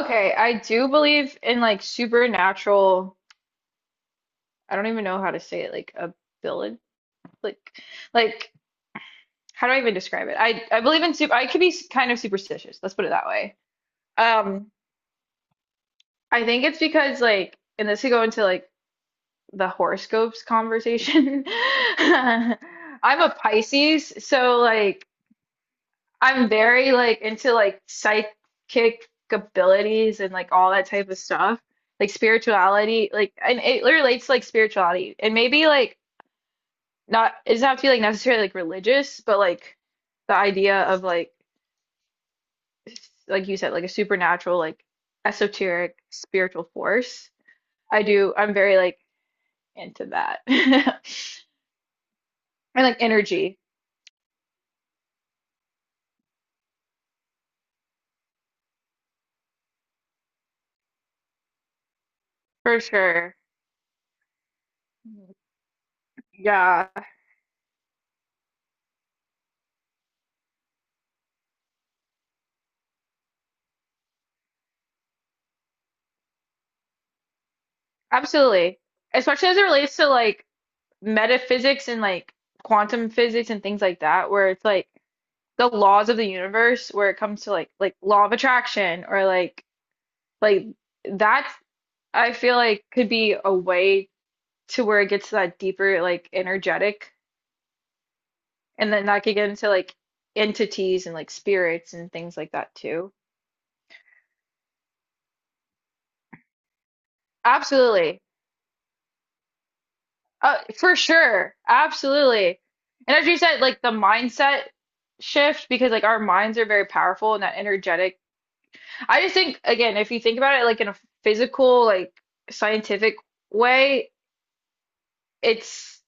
Okay, I do believe in like supernatural, I don't even know how to say it, like ability, like like how do I even describe it? I believe in super I could be kind of superstitious. Let's put it that way. Um, I think it's because like and this could go into like the horoscopes conversation. I'm a Pisces, so like I'm very like into like psychic abilities and like all that type of stuff. Like spirituality, like and it relates to like spirituality. And maybe like not it doesn't have to be like necessarily like religious, but like the idea of like like you said, like a supernatural, like esoteric spiritual force. I do I'm very like into that. And like energy, for sure. Yeah, absolutely. Especially as it relates to like metaphysics and like quantum physics and things like that, where it's like the laws of the universe, where it comes to like law of attraction or like that's I feel like could be a way to where it gets to that deeper like energetic, and then that could get into like entities and like spirits and things like that too. Absolutely. For sure. Absolutely. And as you said, like the mindset shift, because like our minds are very powerful and that energetic I just think, again, if you think about it like in a physical, like scientific way, it's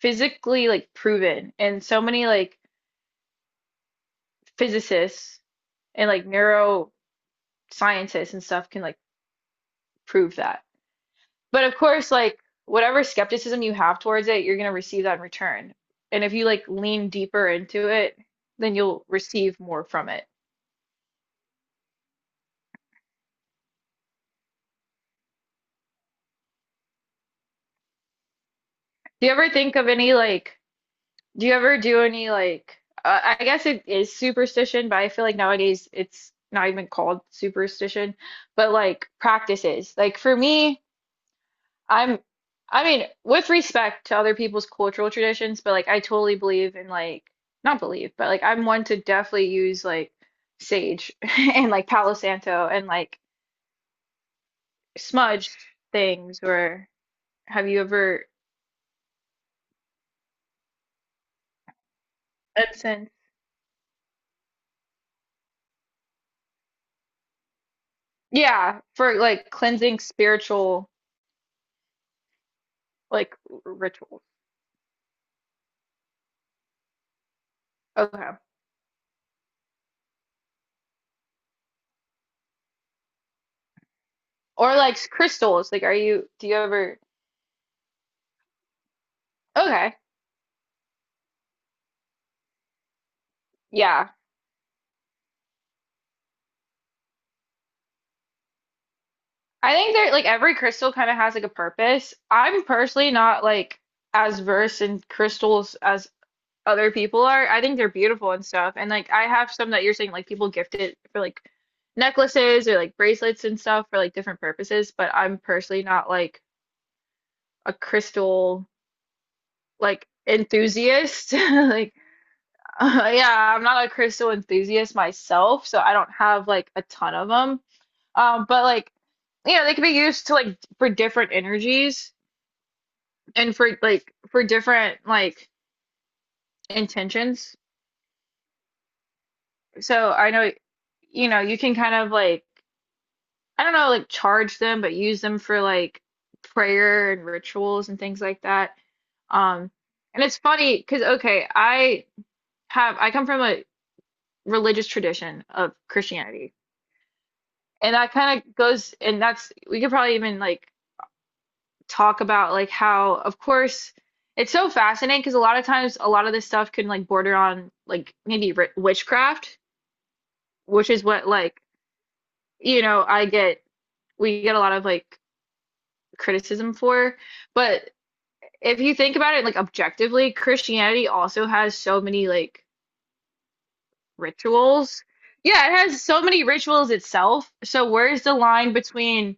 physically like proven. And so many like physicists and like neuroscientists and stuff can like prove that. But of course, like whatever skepticism you have towards it, you're going to receive that in return. And if you like lean deeper into it, then you'll receive more from it. Do you ever think of any like Do you ever do any like I guess it is superstition, but I feel like nowadays it's not even called superstition, but like practices. Like for me, I'm I mean, with respect to other people's cultural traditions, but like I totally believe in like not believe, but like I'm one to definitely use like sage and like Palo Santo and like smudge things or have you ever incense? Yeah, for like cleansing spiritual like rituals. Okay. Or like crystals. Like, are you, do you ever, okay. Yeah. I think that like every crystal kind of has like a purpose. I'm personally not like as versed in crystals as other people are. I think they're beautiful and stuff. And like, I have some that you're saying like people gift it for like necklaces or like bracelets and stuff for like different purposes. But I'm personally not like a crystal like enthusiast. Like, yeah, I'm not a crystal enthusiast myself, so I don't have like a ton of them. But like, you know, they can be used to like for different energies and for like for different like intentions. So I know, you can kind of like I don't know, like charge them, but use them for like prayer and rituals and things like that. Um, and it's funny because okay, I have I come from a religious tradition of Christianity. And that kind of goes, and that's, we could probably even like talk about like how, of course, it's so fascinating because a lot of times a lot of this stuff can like border on like maybe ri witchcraft, which is what like, you know, I get, we get a lot of like criticism for. But if you think about it like objectively, Christianity also has so many like rituals. Yeah, it has so many rituals itself. So where's the line between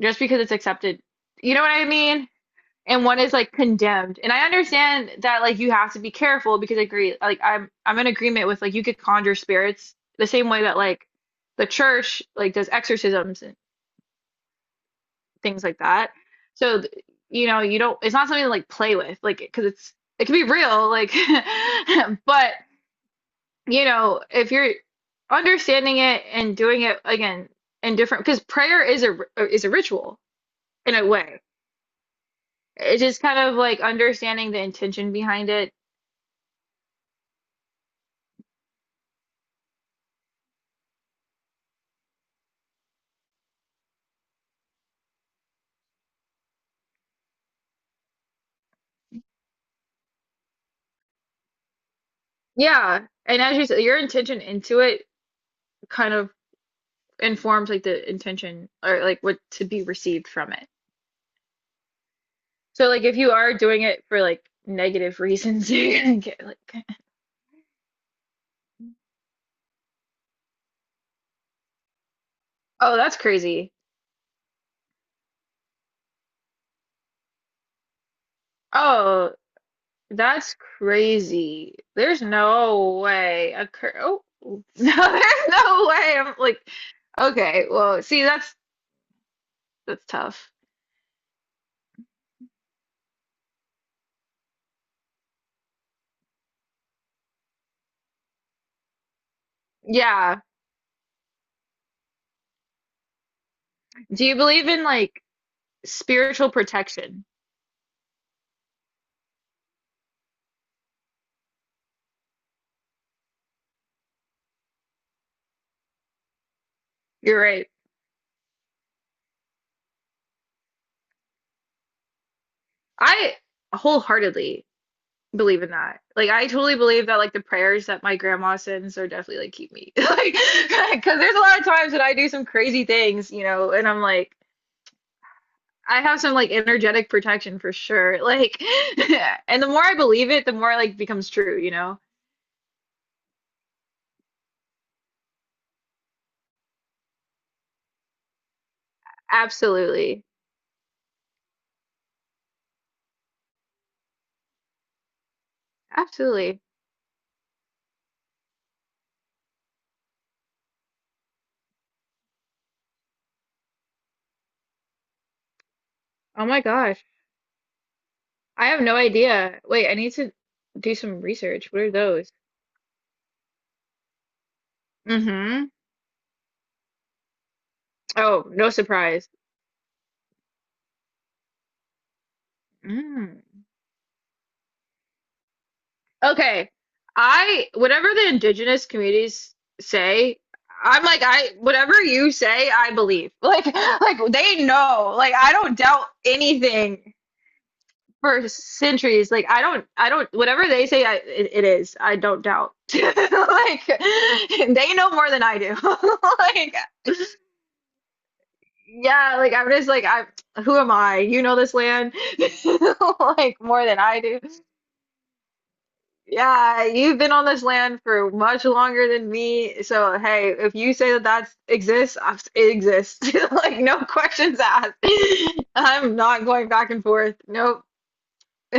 just because it's accepted? You know what I mean? And one is like condemned. And I understand that like you have to be careful because I agree like I'm in agreement with like you could conjure spirits the same way that like the church like does exorcisms and things like that. So you know, you don't it's not something to like play with like because it's it can be real like but you know, if you're understanding it and doing it again in different because prayer is a ritual in a way. It's just kind of like understanding the intention behind it. Yeah, and as you said, your intention into it kind of informs like the intention or like what to be received from it. So like if you are doing it for like negative reasons, you're gonna get like, oh, that's crazy. Oh, that's crazy. There's no way a cur oh no, there's no way. I'm like, okay, well, see, that's tough. Yeah. Do you believe in like spiritual protection? You're right. I wholeheartedly believe in that. Like I totally believe that like the prayers that my grandma sends are definitely like keep me. Like because there's a lot of times that I do some crazy things, you know, and I'm like I have some like energetic protection for sure. Like and the more I believe it, the more like becomes true, you know? Absolutely. Absolutely. Oh my gosh. I have no idea. Wait, I need to do some research. What are those? Mm-hmm. Oh, no surprise. Mm. Okay. I whatever the indigenous communities say, I'm like I whatever you say, I believe. Like like they know. Like I don't doubt anything for centuries. Like I don't whatever they say I it, it is. I don't doubt. Like they know more than I do. Like yeah, like I'm just like I who am I? You know this land like more than I do. Yeah, you've been on this land for much longer than me. So, hey, if you say that that exists, I- it exists. Like, no questions asked. I'm not going back and forth. Nope.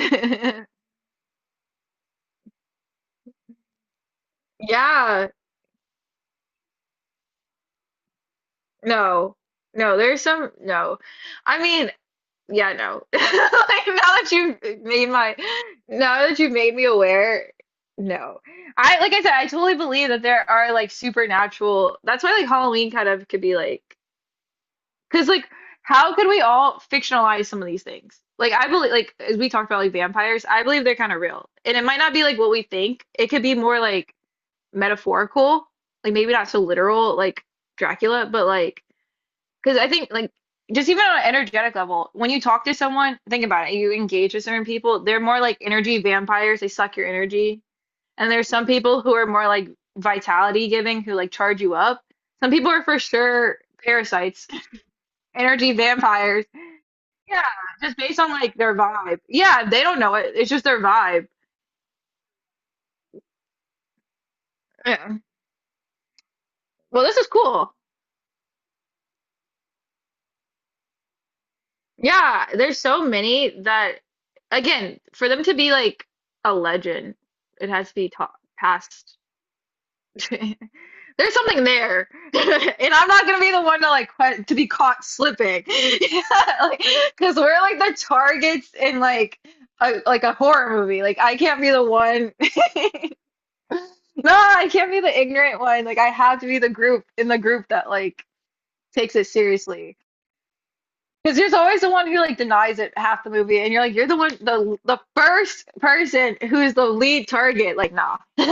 Yeah, no. No, there's some, no. I mean, yeah, no. Like, now that you've made my, now that you've made me aware, no. I, like I said, I totally believe that there are like supernatural, that's why like Halloween kind of could be like, because like, how could we all fictionalize some of these things? Like, I believe, like, as we talked about, like vampires, I believe they're kind of real, and it might not be like what we think. It could be more like metaphorical, like maybe not so literal, like Dracula, but like, because I think like just even on an energetic level, when you talk to someone, think about it, you engage with certain people, they're more like energy vampires. They suck your energy, and there's some people who are more like vitality giving, who like charge you up. Some people are for sure parasites energy vampires yeah, just based on like their vibe. Yeah, they don't know it. It's just their vibe. Yeah. Well, this is cool. Yeah, there's so many that, again, for them to be like a legend, it has to be taught past. There's something there, and I'm not gonna be the one to like to be caught slipping, yeah, like, because we're like the targets in like a horror movie. Like I can't be the one. No, I can't be the ignorant one. Like I have to be the group in the group that like takes it seriously. Because there's always the one who like denies it half the movie, and you're like, you're the one, the first person who is the lead target. Like, nah, you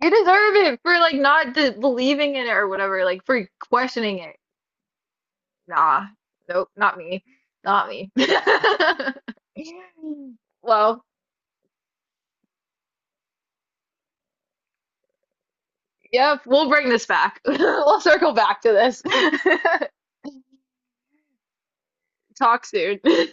deserve it for like not de believing in it or whatever, like for questioning it. Nah, nope, not me, not me. Well, yep, we'll bring this back. We'll circle back to this. Talk soon.